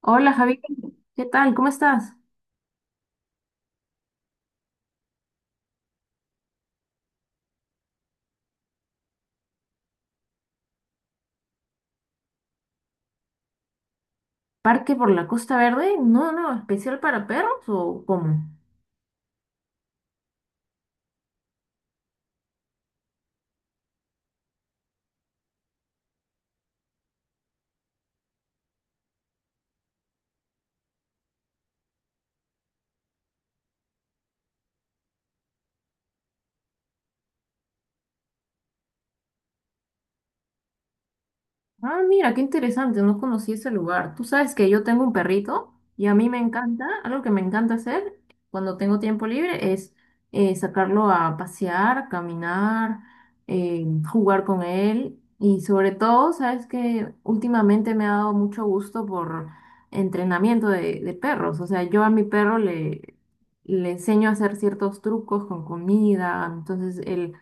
Hola Javier, ¿qué tal? ¿Cómo estás? ¿Parque por la Costa Verde? No, no, ¿especial para perros o cómo? Ah, mira, qué interesante, no conocí ese lugar. Tú sabes que yo tengo un perrito y a mí me encanta, algo que me encanta hacer cuando tengo tiempo libre es sacarlo a pasear, caminar, jugar con él y sobre todo, sabes que últimamente me ha dado mucho gusto por entrenamiento de perros. O sea, yo a mi perro le enseño a hacer ciertos trucos con comida, entonces él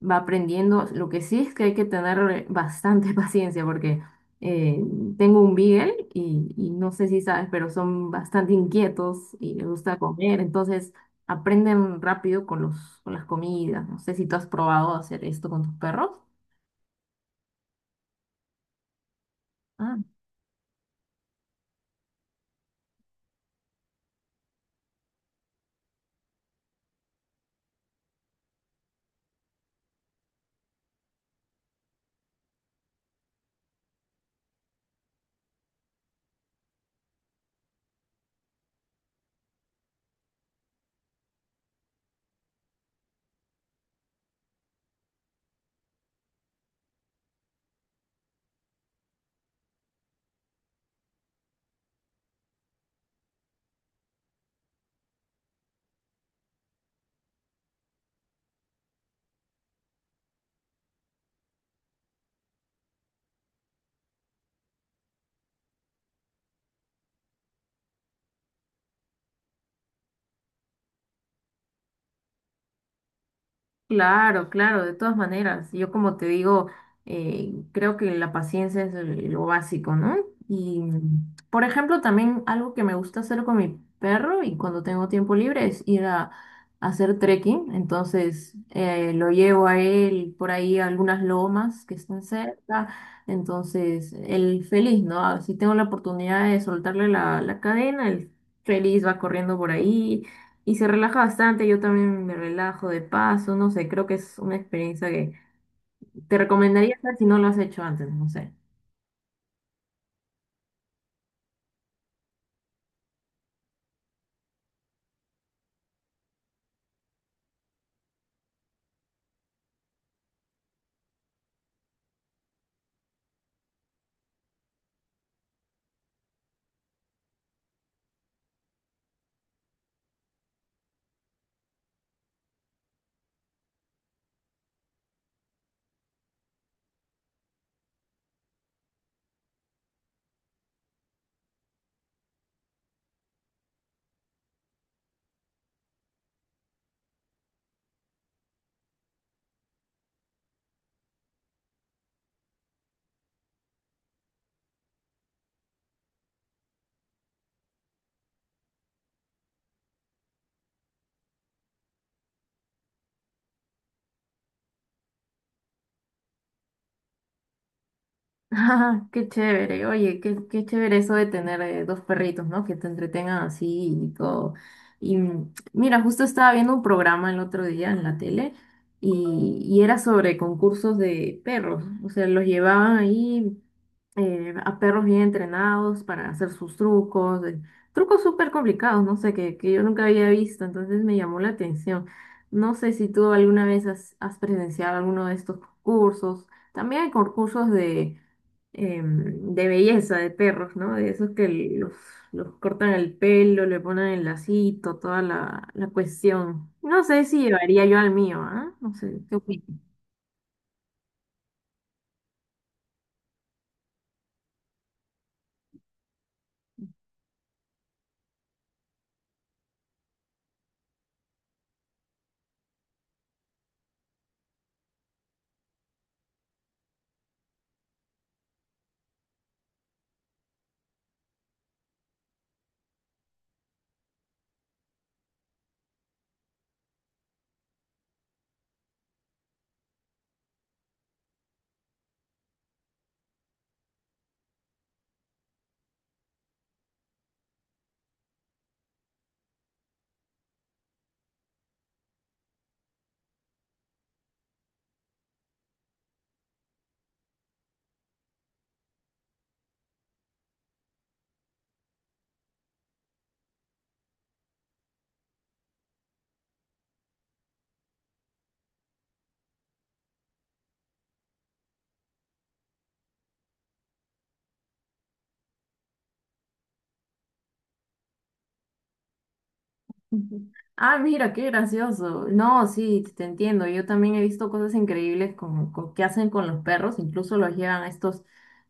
va aprendiendo. Lo que sí es que hay que tener bastante paciencia porque eh, tengo un Beagle y no sé si sabes, pero son bastante inquietos y les gusta comer, entonces aprenden rápido con con las comidas. No sé si tú has probado hacer esto con tus perros. Ah, claro, claro, de todas maneras. Yo como te digo, creo que la paciencia es lo básico, ¿no? Y, por ejemplo, también algo que me gusta hacer con mi perro y cuando tengo tiempo libre es ir a hacer trekking. Entonces, lo llevo a él por ahí a algunas lomas que están cerca. Entonces, él feliz, ¿no? Si tengo la oportunidad de soltarle la cadena, él feliz va corriendo por ahí y se relaja bastante, yo también me relajo de paso, no sé, creo que es una experiencia que te recomendaría hacer si no lo has hecho antes, no sé. Ah, qué chévere, oye, qué, qué chévere eso de tener dos perritos, ¿no? Que te entretengan así y todo. Y mira, justo estaba viendo un programa el otro día en la tele y era sobre concursos de perros, o sea, los llevaban ahí a perros bien entrenados para hacer sus trucos, trucos súper complicados, no sé, que yo nunca había visto, entonces me llamó la atención. No sé si tú alguna vez has, has presenciado alguno de estos concursos. También hay concursos de, de belleza de perros, ¿no? De esos que los, los cortan el pelo, le ponen el lacito, toda la cuestión. No sé si llevaría yo al mío, ¿ah? No sé, ¿qué opinas? Ujú. Ah, mira, qué gracioso. No, sí, te entiendo. Yo también he visto cosas increíbles con, que hacen con los perros. Incluso los llevan a estos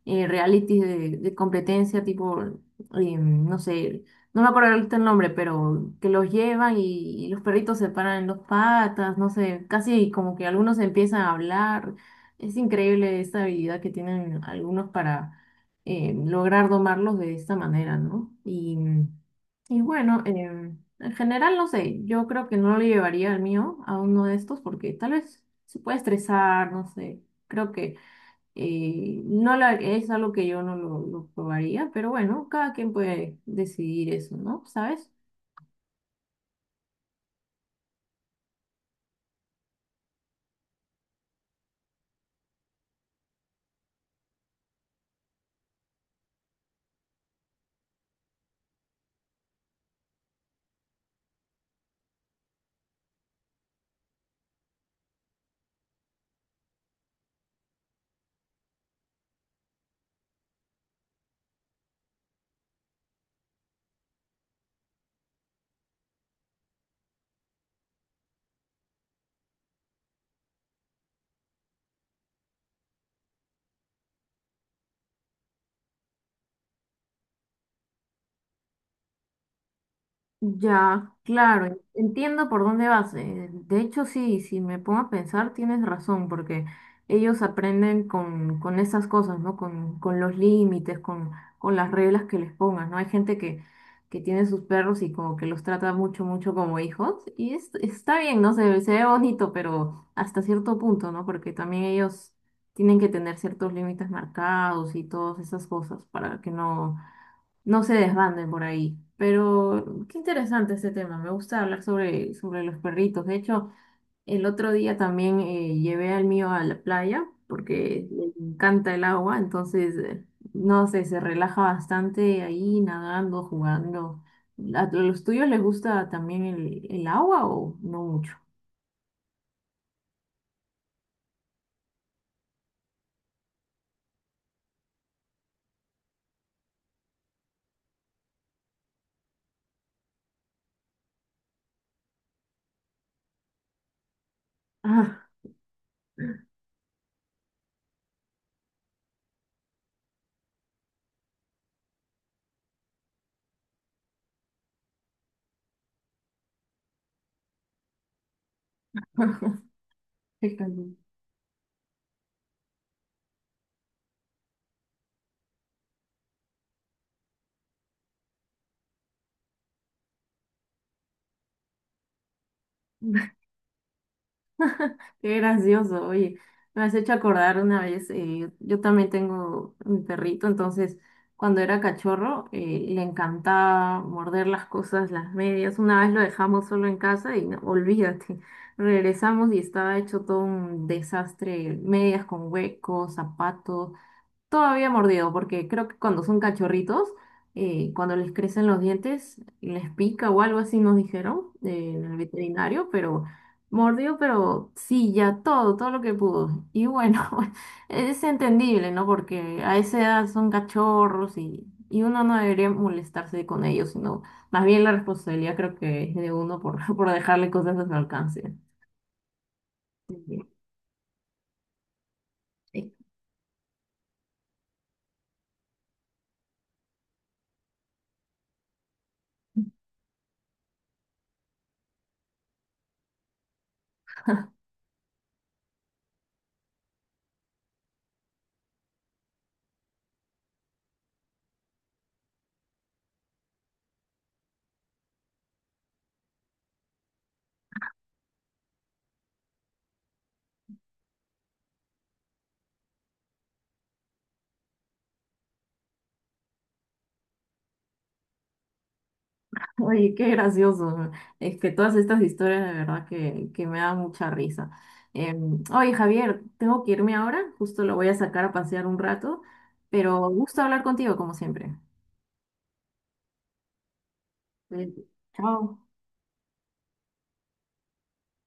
realities de competencia, tipo, no sé, no me acuerdo ahorita el nombre, pero que los llevan y los perritos se paran en dos patas, no sé, casi como que algunos empiezan a hablar. Es increíble esta habilidad que tienen algunos para lograr domarlos de esta manera, ¿no? Y bueno. En general, no sé, yo creo que no lo llevaría al mío, a uno de estos, porque tal vez se puede estresar, no sé. Creo que no es algo que yo no lo probaría, pero bueno, cada quien puede decidir eso, ¿no? ¿Sabes? Ya, claro, entiendo por dónde vas. De hecho, sí, si me pongo a pensar, tienes razón, porque ellos aprenden con esas cosas, ¿no? Con los límites, con las reglas que les pongas, ¿no? Hay gente que tiene sus perros y como que los trata mucho, mucho como hijos, y está bien, ¿no? Se ve bonito, pero hasta cierto punto, ¿no? Porque también ellos tienen que tener ciertos límites marcados y todas esas cosas para que no se desbanden por ahí. Pero qué interesante este tema. Me gusta hablar sobre, sobre los perritos. De hecho, el otro día también llevé al mío a la playa porque le encanta el agua. Entonces, no sé, se relaja bastante ahí nadando, jugando. A los tuyos les gusta también el agua o no mucho? Ah, qué calor. Qué gracioso, oye, me has hecho acordar una vez, yo también tengo un perrito, entonces cuando era cachorro le encantaba morder las cosas, las medias, una vez lo dejamos solo en casa y no, olvídate, regresamos y estaba hecho todo un desastre, medias con huecos, zapatos, todavía mordido, porque creo que cuando son cachorritos, cuando les crecen los dientes, les pica o algo así nos dijeron en el veterinario, pero mordió, pero sí, ya todo, todo lo que pudo. Y bueno, es entendible, ¿no? Porque a esa edad son cachorros y uno no debería molestarse con ellos, sino más bien la responsabilidad creo que es de uno por, por dejarle cosas a su alcance. Sí. Oye, qué gracioso. Es que todas estas historias de verdad que me dan mucha risa. Oye, Javier, tengo que irme ahora, justo lo voy a sacar a pasear un rato, pero gusto hablar contigo como siempre. Eh, Chao.